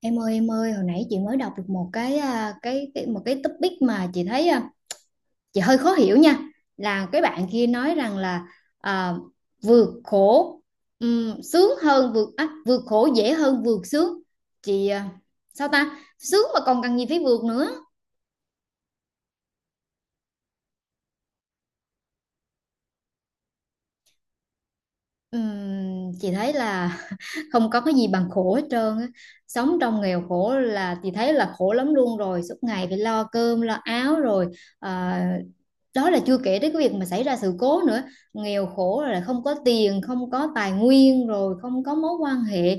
Em ơi, hồi nãy chị mới đọc được một cái topic mà chị thấy chị hơi khó hiểu nha. Là cái bạn kia nói rằng là à, vượt khổ vượt khổ dễ hơn vượt sướng. Chị à, Sao ta? Sướng mà còn cần gì phải vượt nữa. Chị thấy là không có cái gì bằng khổ hết trơn á. Sống trong nghèo khổ là chị thấy là khổ lắm luôn rồi, suốt ngày phải lo cơm, lo áo rồi ờ, đó là chưa kể tới cái việc mà xảy ra sự cố nữa. Nghèo khổ rồi là không có tiền, không có tài nguyên rồi không có mối quan hệ,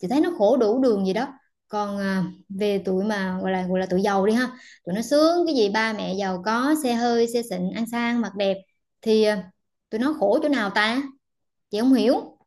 chị thấy nó khổ đủ đường gì đó. Còn về tụi mà gọi là tụi giàu đi ha, tụi nó sướng cái gì, ba mẹ giàu có xe hơi xe xịn ăn sang mặc đẹp, thì tụi nó khổ chỗ nào ta, chị không hiểu.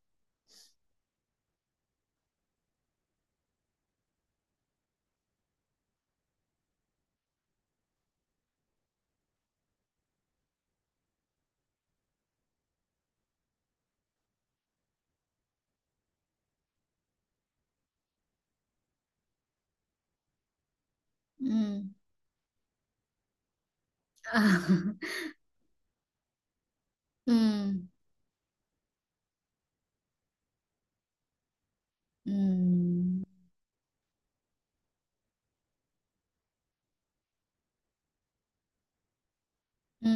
Ừ. À. Ừ. Ừ. Ừ.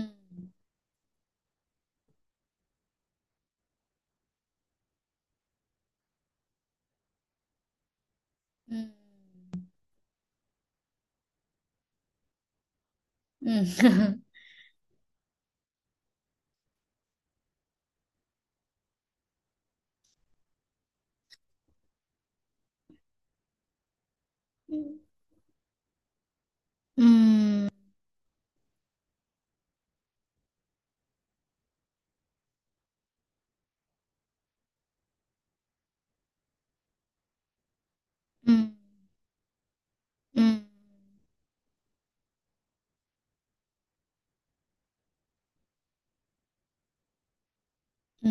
Ừ. Ừ. Ừ. Ừ. Ừ. Ừ. Ừ.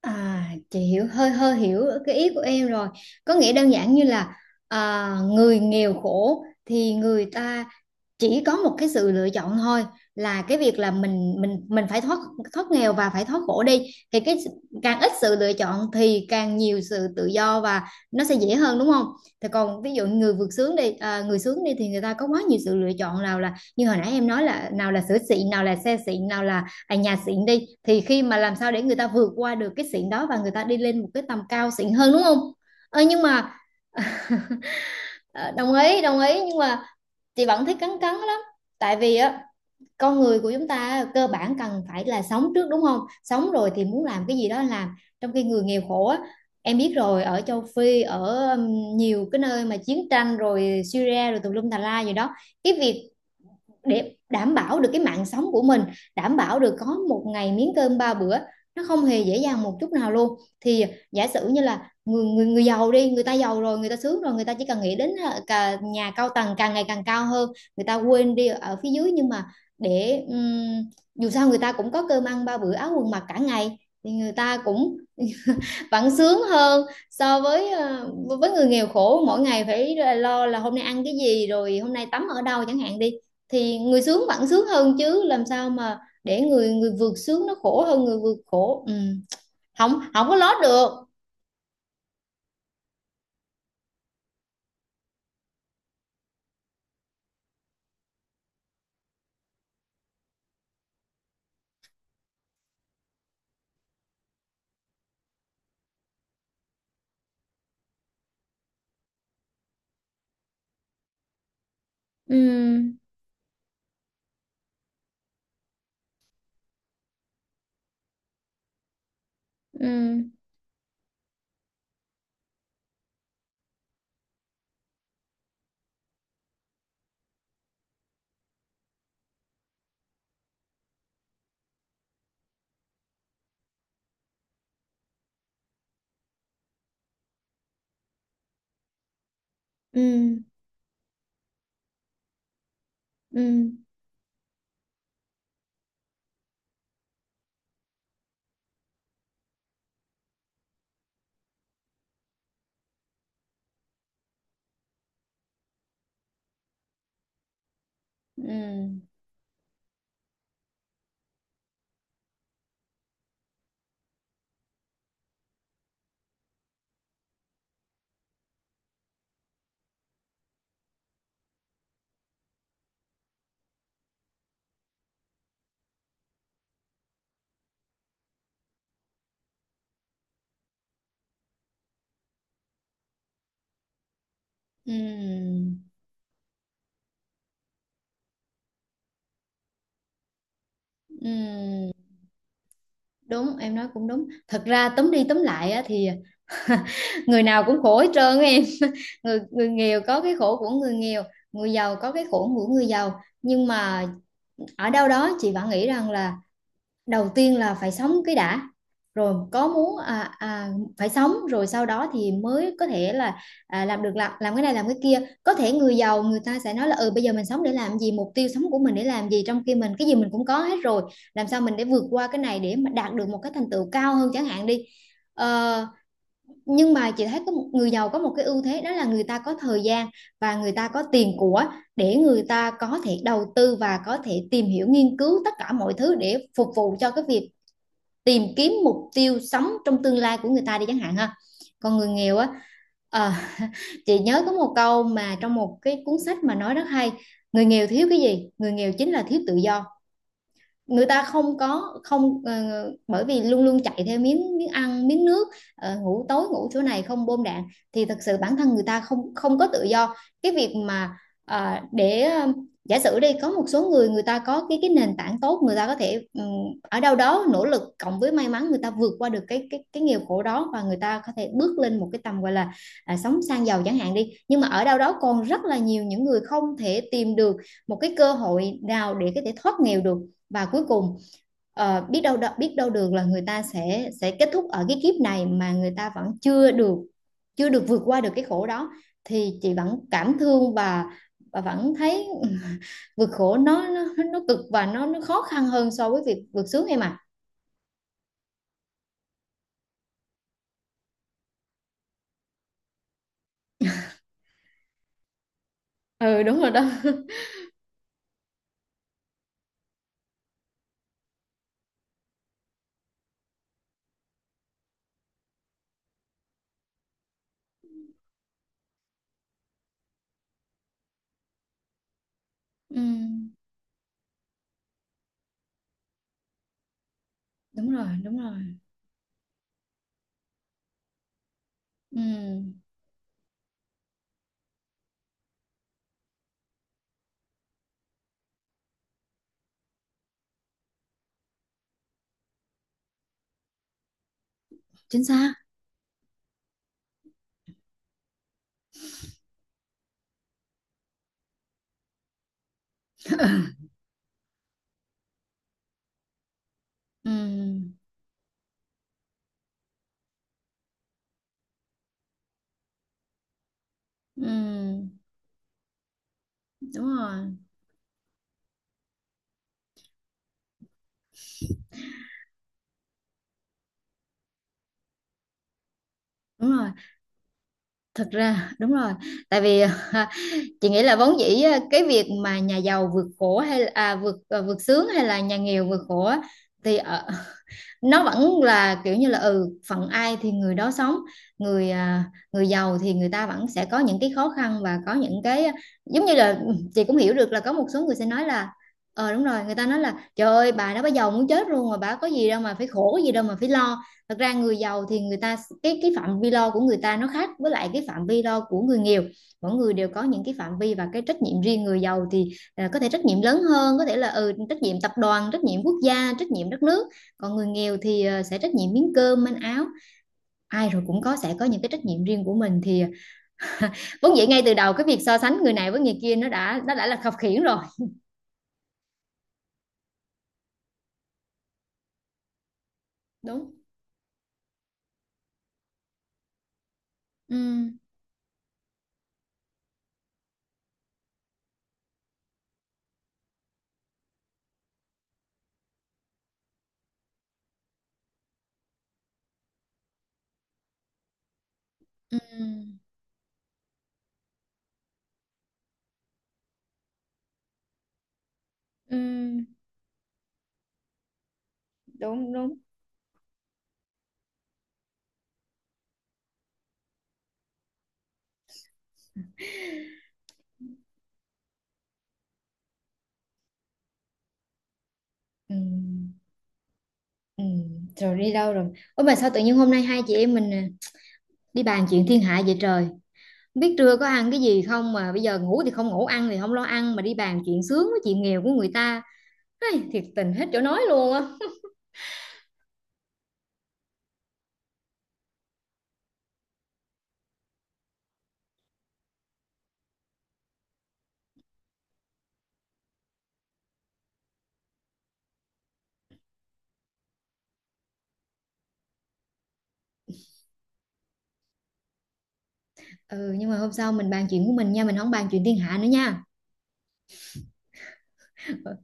À, chị hiểu hơi hơi hiểu cái ý của em rồi. Có nghĩa đơn giản như là à, người nghèo khổ thì người ta chỉ có một cái sự lựa chọn thôi, là cái việc là mình phải thoát thoát nghèo và phải thoát khổ đi, thì cái càng ít sự lựa chọn thì càng nhiều sự tự do, và nó sẽ dễ hơn đúng không. Thì còn ví dụ người vượt sướng đi, người sướng đi thì người ta có quá nhiều sự lựa chọn, nào là như hồi nãy em nói, là nào là sữa xịn, nào là xe xịn, nào là nhà xịn đi, thì khi mà làm sao để người ta vượt qua được cái xịn đó và người ta đi lên một cái tầm cao xịn hơn đúng không. Ờ, nhưng mà ờ, đồng ý đồng ý, nhưng mà chị vẫn thấy cắn cắn lắm. Tại vì á, con người của chúng ta cơ bản cần phải là sống trước đúng không, sống rồi thì muốn làm cái gì đó làm. Trong khi người nghèo khổ á, em biết rồi, ở châu Phi, ở nhiều cái nơi mà chiến tranh rồi Syria rồi tùm lum tà la gì đó, cái việc để đảm bảo được cái mạng sống của mình, đảm bảo được có một ngày miếng cơm ba bữa, nó không hề dễ dàng một chút nào luôn. Thì giả sử như là người người người giàu đi, người ta giàu rồi, người ta sướng rồi, người ta chỉ cần nghĩ đến cả nhà cao tầng càng ngày càng cao hơn, người ta quên đi ở phía dưới, nhưng mà để dù sao người ta cũng có cơm ăn ba bữa áo quần mặc cả ngày, thì người ta cũng vẫn sướng hơn so với người nghèo khổ mỗi ngày phải lo là hôm nay ăn cái gì rồi hôm nay tắm ở đâu chẳng hạn đi, thì người sướng vẫn sướng hơn chứ, làm sao mà để người người vượt sướng nó khổ hơn người vượt khổ. Ừ. không không có lót được. Ừ. Ừ. Ừ. Ừ. Ừ. Ừ. Ừ. Đúng, em nói cũng đúng, thật ra tóm đi tóm lại á, thì người nào cũng khổ hết trơn á em. người người nghèo có cái khổ của người nghèo, người giàu có cái khổ của người giàu, nhưng mà ở đâu đó chị vẫn nghĩ rằng là đầu tiên là phải sống cái đã, rồi có muốn phải sống rồi sau đó thì mới có thể là làm cái này làm cái kia. Có thể người giàu người ta sẽ nói là ừ bây giờ mình sống để làm gì, mục tiêu sống của mình để làm gì, trong khi mình cái gì mình cũng có hết rồi, làm sao mình để vượt qua cái này để mà đạt được một cái thành tựu cao hơn chẳng hạn đi. Ờ, nhưng mà chị thấy có một người giàu có một cái ưu thế, đó là người ta có thời gian và người ta có tiền của, để người ta có thể đầu tư và có thể tìm hiểu nghiên cứu tất cả mọi thứ để phục vụ cho cái việc tìm kiếm mục tiêu sống trong tương lai của người ta đi chẳng hạn ha. Còn người nghèo á ờ, chị nhớ có một câu mà trong một cái cuốn sách mà nói rất hay. Người nghèo thiếu cái gì, người nghèo chính là thiếu tự do. Người ta không có, không ờ, bởi vì luôn luôn chạy theo miếng miếng ăn miếng nước, ngủ tối ngủ chỗ này không bom đạn, thì thật sự bản thân người ta không không có tự do. Cái việc mà ờ, để ờ, giả sử đi, có một số người, người ta có cái nền tảng tốt, người ta có thể ở đâu đó nỗ lực cộng với may mắn, người ta vượt qua được cái nghèo khổ đó, và người ta có thể bước lên một cái tầm gọi là sống sang giàu chẳng hạn đi, nhưng mà ở đâu đó còn rất là nhiều những người không thể tìm được một cái cơ hội nào để có thể thoát nghèo được, và cuối cùng biết đâu được là người ta sẽ kết thúc ở cái kiếp này mà người ta vẫn chưa được vượt qua được cái khổ đó, thì chị vẫn cảm thương và vẫn thấy vượt khổ nó nó cực và nó khó khăn hơn so với việc vượt sướng em ạ. Ừ đúng rồi đó. Ừ, đúng rồi đúng rồi. Ừ, chính xác. Ừ, ừ, đúng rồi đúng rồi. Thật ra đúng rồi. Tại vì à, chị nghĩ là vốn dĩ á, cái việc mà nhà giàu vượt khổ vượt sướng, hay là nhà nghèo vượt khổ á, thì ở, nó vẫn là kiểu như là ừ phận ai thì người đó sống. Người à, người giàu thì người ta vẫn sẽ có những cái khó khăn và có những cái, giống như là chị cũng hiểu được là có một số người sẽ nói là, ờ đúng rồi, người ta nói là trời ơi, bà đó bà giàu muốn chết luôn mà bà có gì đâu mà phải khổ, có gì đâu mà phải lo. Thật ra người giàu thì người ta, cái phạm vi lo của người ta nó khác với lại cái phạm vi lo của người nghèo. Mỗi người đều có những cái phạm vi và cái trách nhiệm riêng. Người giàu thì có thể trách nhiệm lớn hơn, có thể là trách nhiệm tập đoàn, trách nhiệm quốc gia, trách nhiệm đất nước, còn người nghèo thì sẽ trách nhiệm miếng cơm manh áo. Ai rồi cũng sẽ có những cái trách nhiệm riêng của mình, thì vốn dĩ ngay từ đầu cái việc so sánh người này với người kia nó đã là khập khiễng rồi. Đúng. Ừ. Ừ. Ừ. Đúng đúng. Ừ, ừ. Rồi đi đâu rồi? Ôi mà sao tự nhiên hôm nay hai chị em mình đi bàn chuyện thiên hạ vậy trời. Không biết trưa có ăn cái gì không mà bây giờ ngủ thì không ngủ, ăn thì không lo ăn, mà đi bàn chuyện sướng với chuyện nghèo của người ta. Ai, thiệt tình hết chỗ nói luôn á. Ừ, nhưng mà hôm sau mình bàn chuyện của mình nha, mình không bàn chuyện thiên hạ nữa nha. Ờ.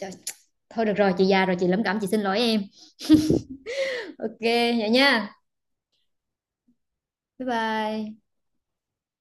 Trời, thôi được rồi, chị già rồi, chị lẩm cẩm, chị xin lỗi em. Ok vậy nha. Bye bye.